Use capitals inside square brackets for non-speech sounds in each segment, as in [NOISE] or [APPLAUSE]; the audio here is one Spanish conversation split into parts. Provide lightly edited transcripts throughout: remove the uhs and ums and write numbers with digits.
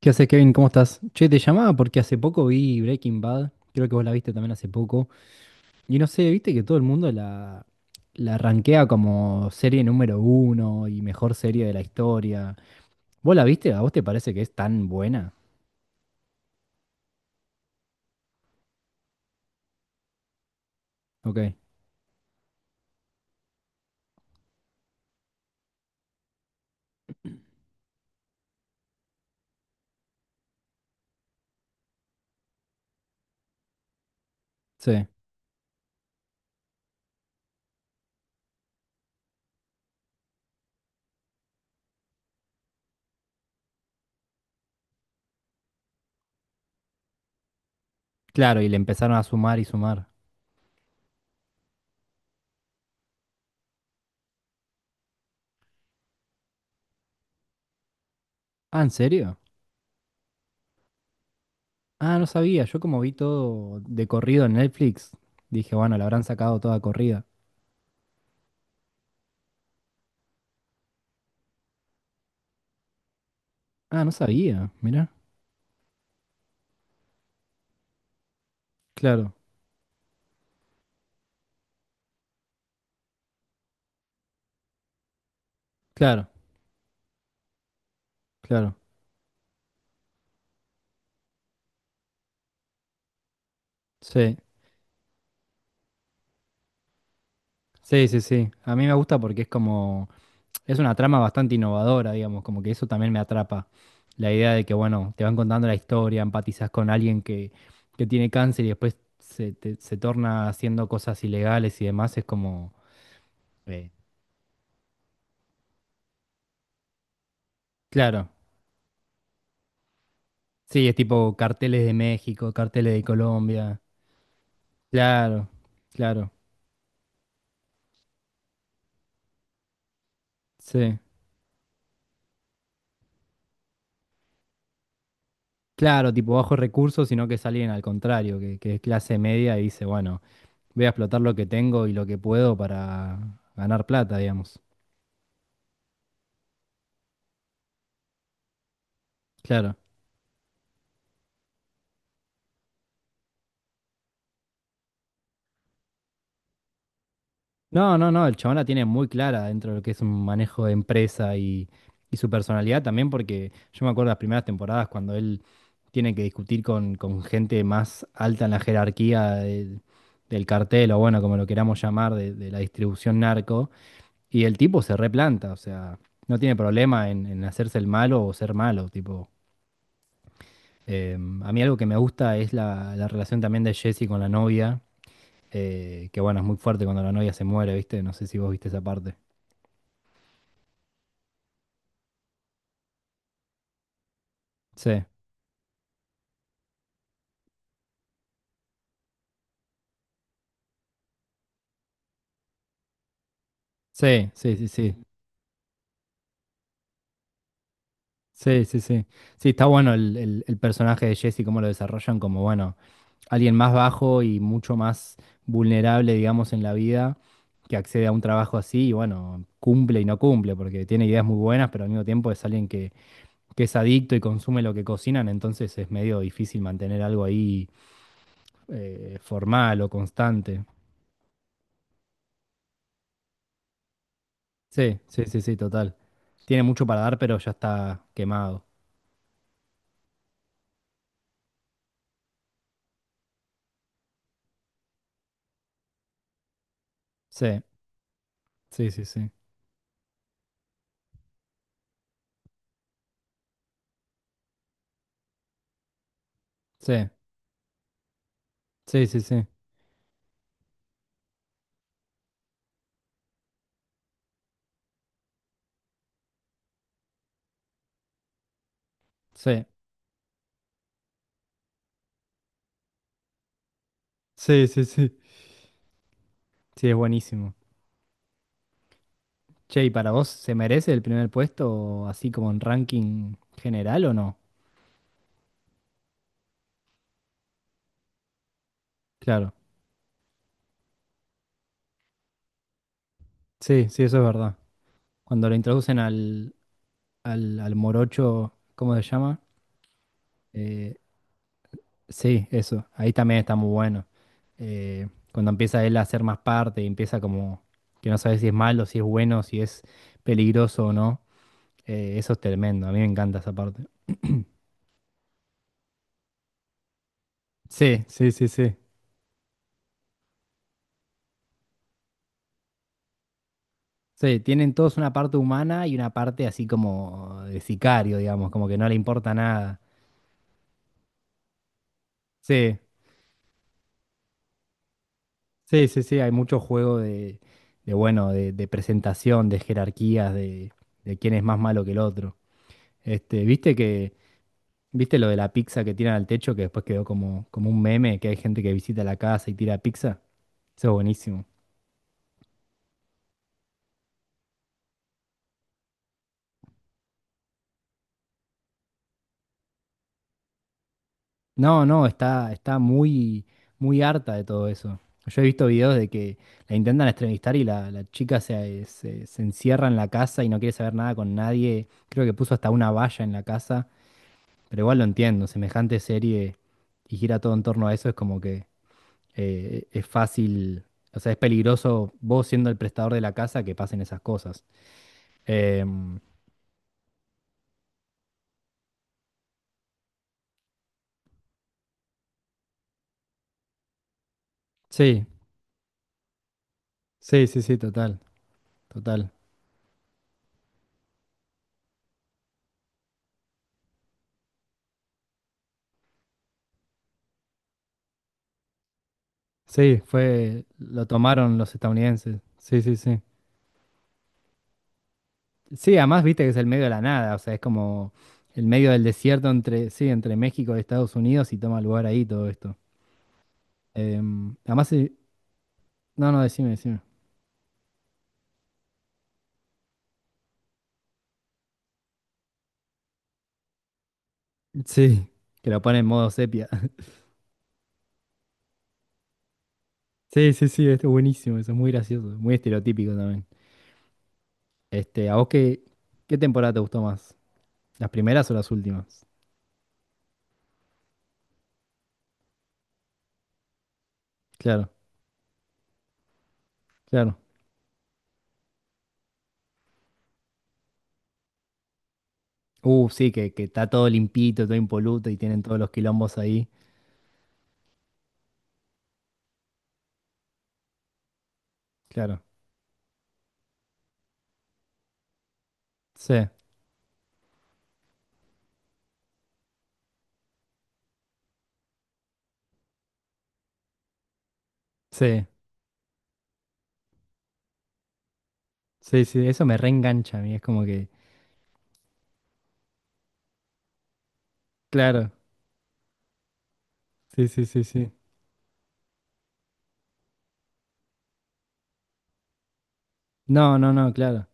¿Qué haces, Kevin? ¿Cómo estás? Che, te llamaba porque hace poco vi Breaking Bad, creo que vos la viste también hace poco, y no sé, viste que todo el mundo la rankea como serie número uno y mejor serie de la historia. ¿Vos la viste? ¿A vos te parece que es tan buena? Ok, sí. Claro, y le empezaron a sumar y sumar. Ah, ¿en serio? Ah, no sabía, yo como vi todo de corrido en Netflix, dije, bueno, la habrán sacado toda corrida. Ah, no sabía, mirá. Claro, claro, claro, sí. Sí, sí, sí. A mí me gusta porque es como, es una trama bastante innovadora, digamos, como que eso también me atrapa. La idea de que, bueno, te van contando la historia, empatizás con alguien que tiene cáncer y después se torna haciendo cosas ilegales y demás, es como, eh, claro. Sí, es tipo carteles de México, carteles de Colombia. Claro, claro. Sí. Claro, tipo bajos recursos, sino que salen al contrario, que es clase media y dice, bueno, voy a explotar lo que tengo y lo que puedo para ganar plata, digamos. Claro. No, no, no, el chabón la tiene muy clara dentro de lo que es un manejo de empresa y su personalidad también, porque yo me acuerdo las primeras temporadas cuando él tiene que discutir con gente más alta en la jerarquía del cartel, o bueno, como lo queramos llamar, de la distribución narco, y el tipo se replanta, o sea, no tiene problema en hacerse el malo o ser malo, tipo. A mí algo que me gusta es la relación también de Jesse con la novia, que bueno, es muy fuerte cuando la novia se muere, ¿viste? No sé si vos viste esa parte. Sí, sí, sí, sí, sí. Sí, sí, sí. Sí, está bueno el personaje de Jesse, cómo lo desarrollan como, bueno, alguien más bajo y mucho más vulnerable, digamos, en la vida, que accede a un trabajo así y bueno, cumple y no cumple, porque tiene ideas muy buenas, pero al mismo tiempo es alguien que es adicto y consume lo que cocinan, entonces es medio difícil mantener algo ahí, formal o constante. Sí, sí, sí, sí, total. Tiene mucho para dar, pero ya está quemado. Sí, sí, sí, sí. Sí, sí, sí, sí. Sí, sí, sí, sí. Sí, es buenísimo. Che, ¿y para vos se merece el primer puesto así como en ranking general o no? Claro. Sí, sí, eso es verdad. Cuando lo introducen al morocho, ¿cómo se llama? Eh, Sí, eso. Ahí también está muy bueno. Eh, Cuando empieza él a hacer más parte y empieza como que no sabes si es malo, si es bueno, si es peligroso o no. Eso es tremendo. A mí me encanta esa parte. Sí, sí, sí, sí. Sí, tienen todos una parte humana y una parte así como de sicario, digamos, como que no le importa nada. Sí, sí, sí, sí. Hay mucho juego de bueno, de presentación, de jerarquías, de quién es más malo que el otro. Este, viste que, viste lo de la pizza que tiran al techo que después quedó como, como un meme, que hay gente que visita la casa y tira pizza. Eso es buenísimo. No, no, está, está muy, muy harta de todo eso. Yo he visto videos de que la intentan entrevistar y la chica se encierra en la casa y no quiere saber nada con nadie. Creo que puso hasta una valla en la casa, pero igual lo entiendo, semejante serie y gira todo en torno a eso, es como que es fácil, o sea, es peligroso vos siendo el prestador de la casa que pasen esas cosas. Em, sí, sí, sí, sí, total, total. Sí, fue, lo tomaron los estadounidenses. Sí, sí, sí. Sí, además viste que es el medio de la nada, o sea, es como el medio del desierto entre, sí, entre México y Estados Unidos y toma lugar ahí todo esto. Además, no, no, decime, decime. Sí, que lo pone en modo sepia. [LAUGHS] Sí, sí, sí, esto es buenísimo, eso es muy gracioso, muy estereotípico también. Este, ¿a vos qué, qué temporada te gustó más? ¿Las primeras o las últimas? Claro, claro. Sí, que está todo limpito, todo impoluto y tienen todos los quilombos ahí. Claro. Sí, sí, sí, sí. Eso me reengancha a mí. Es como que. Claro. Sí, sí, sí, sí. No, no, no, claro.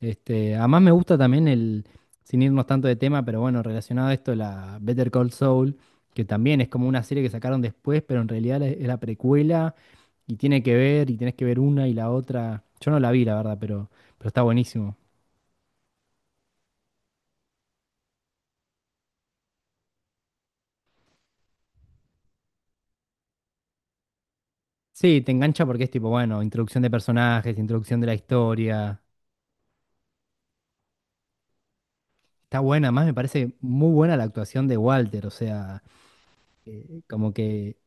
Este, además me gusta también el, sin irnos tanto de tema, pero bueno, relacionado a esto, la Better Call Saul, que también es como una serie que sacaron después, pero en realidad es la precuela y tiene que ver, y tenés que ver una y la otra. Yo no la vi, la verdad, pero está buenísimo. Sí, te engancha porque es tipo, bueno, introducción de personajes, introducción de la historia. Está buena, más me parece muy buena la actuación de Walter, o sea, como que...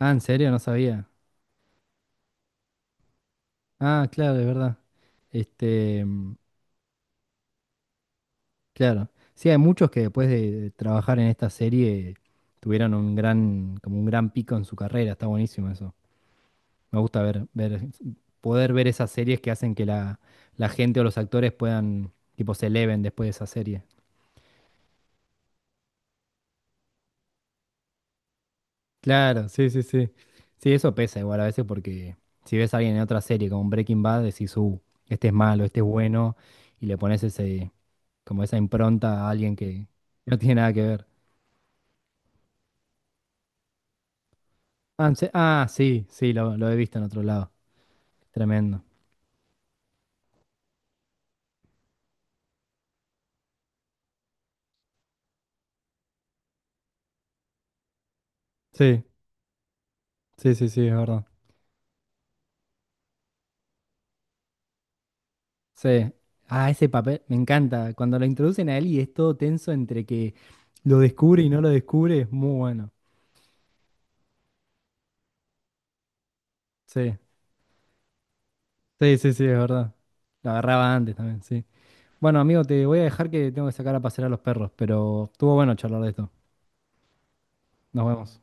Ah, ¿en serio? No sabía. Ah, claro, es verdad. Este, claro. Sí, hay muchos que después de trabajar en esta serie tuvieron un gran, como un gran pico en su carrera, está buenísimo eso. Me gusta ver, ver, poder ver esas series que hacen que la gente o los actores puedan, tipo, se eleven después de esa serie. Claro, sí, sí, sí. Sí, eso pesa igual a veces porque si ves a alguien en otra serie como Breaking Bad, decís, este es malo, este es bueno, y le pones ese, como esa impronta a alguien que no tiene nada que ver. Ah, sí, sí, lo he visto en otro lado. Tremendo. Sí, sí, sí, sí, es verdad. Sí. Ah, ese papel, me encanta. Cuando lo introducen a él y es todo tenso entre que lo descubre y no lo descubre, es muy bueno. Sí, sí, sí, sí, es verdad. Lo agarraba antes también, sí. Bueno, amigo, te voy a dejar que tengo que sacar a pasear a los perros, pero estuvo bueno charlar de esto. Nos vemos.